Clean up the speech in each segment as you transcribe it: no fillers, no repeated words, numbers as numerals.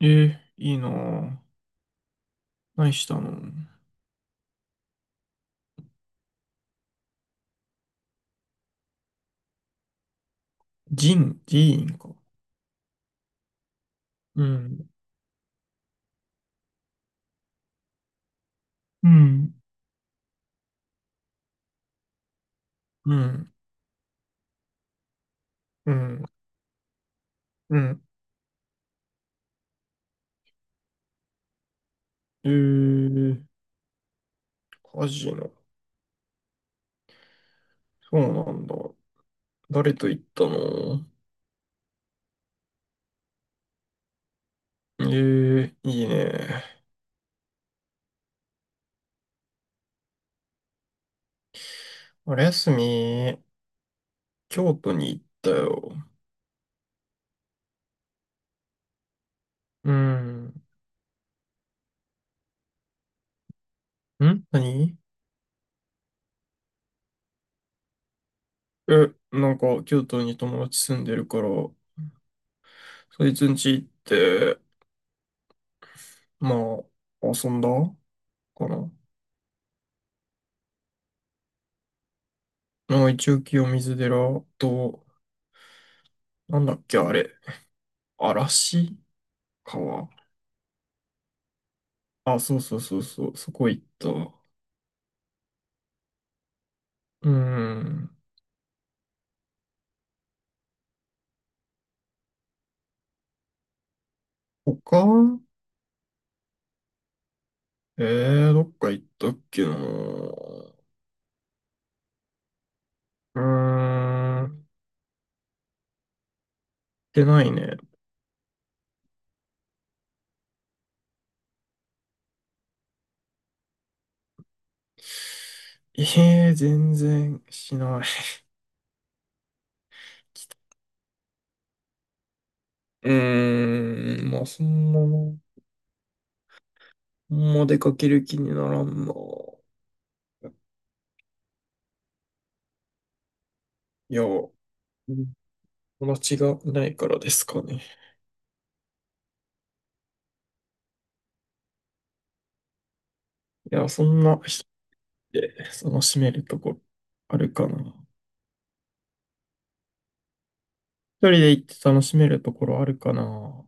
えー、いいなぁ。何したの？ジーンか。うん、うん。うん、うん、うん。えー、カジノ。そうなんだ。誰と行ったの？えー、いいね。あれ休み、京都に行ったよ。うん。ん、何？え、なんか、京都に友達住んでるから、そいつん家行って、まあ、遊んだかな。まあ、一応清水寺と、なんだっけ、あれ。嵐川。あ、そうそうそうそう、そこ行った。うーん。他、えどっか行ったっけな。うーん。行ってないね。全然しない。うーん、まあ、そんなもあんま出かける気にならんな。いや、うん、友達がいないからですかね。いや、そんな人って楽しめるとこあるかな。一人で行って楽しめるところあるかな。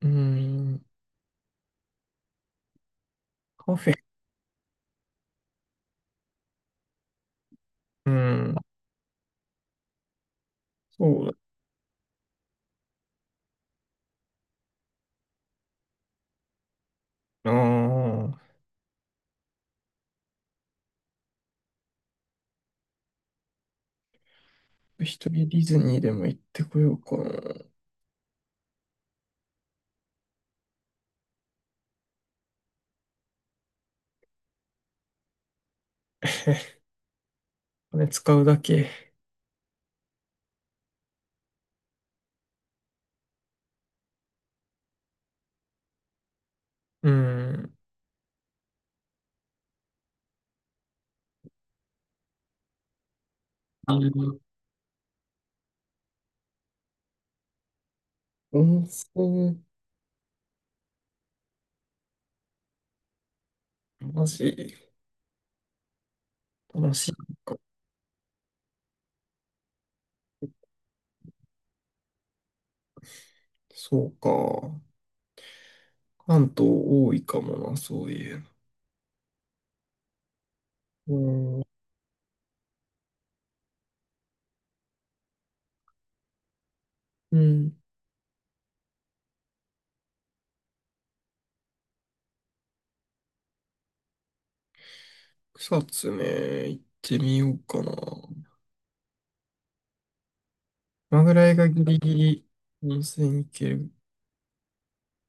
うーん、カフェ。うーん、そうだな。一人ディズニーでも行ってこようかな。お金使うだけ。うーん。あの温泉、マジ、楽しいか。そうか。関東多いかもな、そういうの。うん。うん、草津ね、行ってみようかな。今ぐらいがギリギリ温泉行ける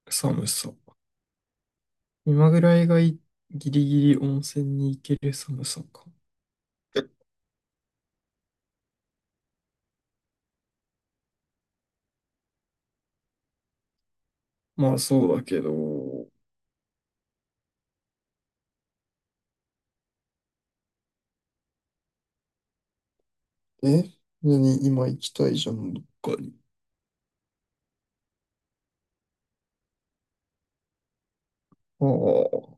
寒さ。今ぐらいがギリギリ温泉に行ける寒さか。まあそうだけど、え、何、今行きたいじゃん、どっかに。ああ、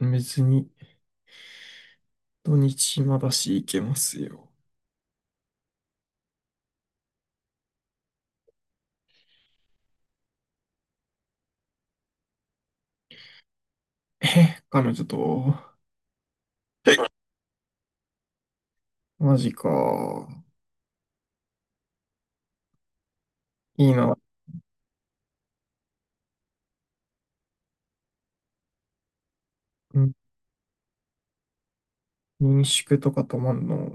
別に土日暇だし行けますよ。え、彼女と、マジか。いいな。ん民宿とか泊まんの。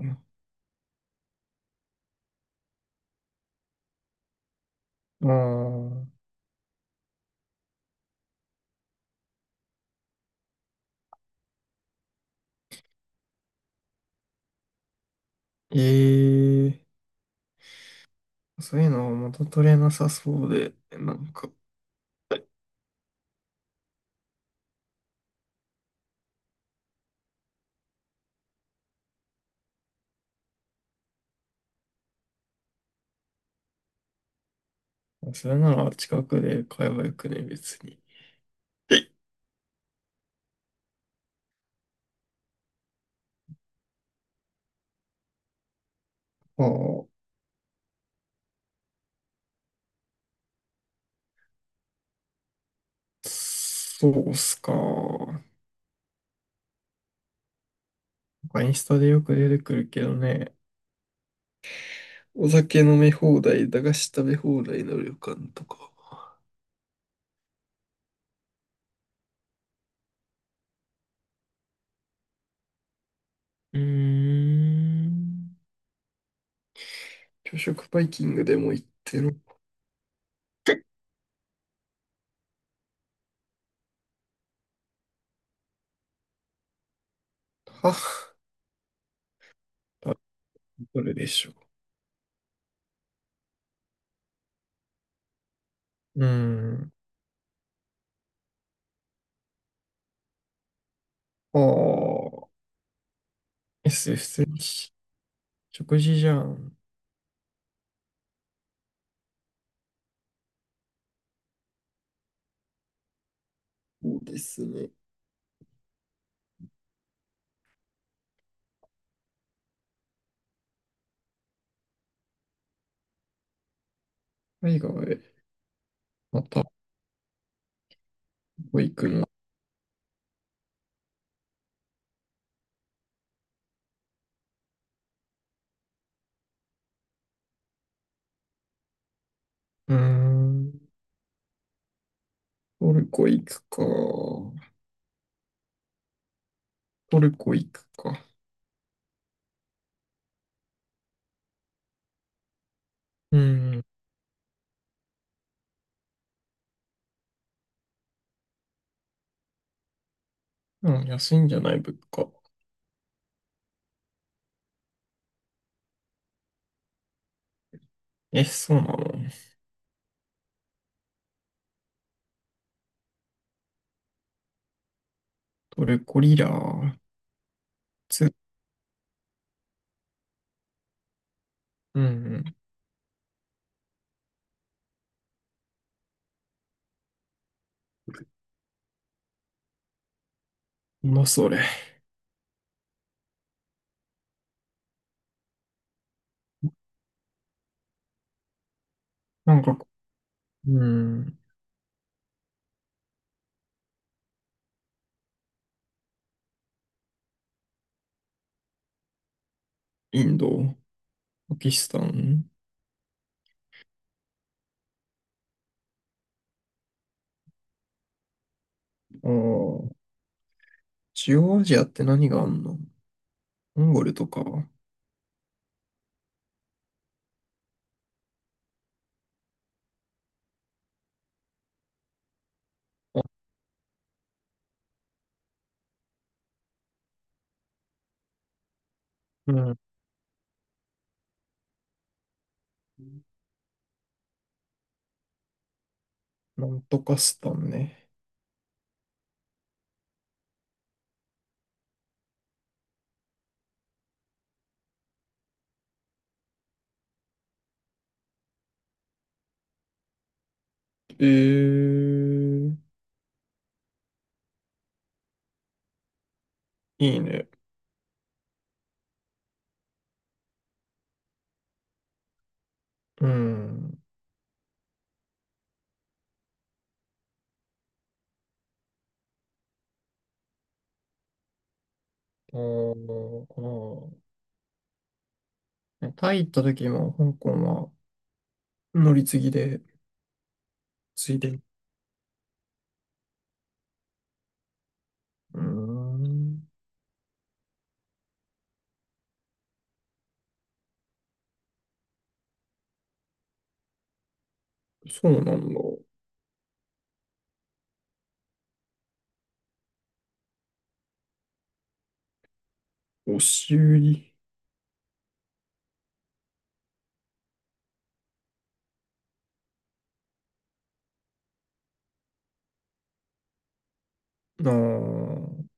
ああ、ええそういうのは元取れなさそうで、なんか、それなら近くで買えばよくね、別に。ああ。そうっすか。なんかインスタでよく出てくるけどね。お酒飲み放題、駄菓子食べ放題の旅館とか、うーん。朝食バイキングでも行ってる？は、多分どれでしょう。うーん。ああ、普通に食事じゃん。そうですね。海外へ、また、どこ行くの？うーん。トルコ行くか。トルコ行くか。うーん。うん、安いんじゃない物価。え、そうなの？トルコリラーツ。うん、うん。それ。なんか、うん。インド、パキスタン、ああ、中央アジアって何があんの？モンゴルとか。あ、うん。なんとかスタンね。えー、いいね。うん。あーあなタイ行った時も香港は乗り継ぎで、ついでに。うーん。そうなんだ。押し売り。あー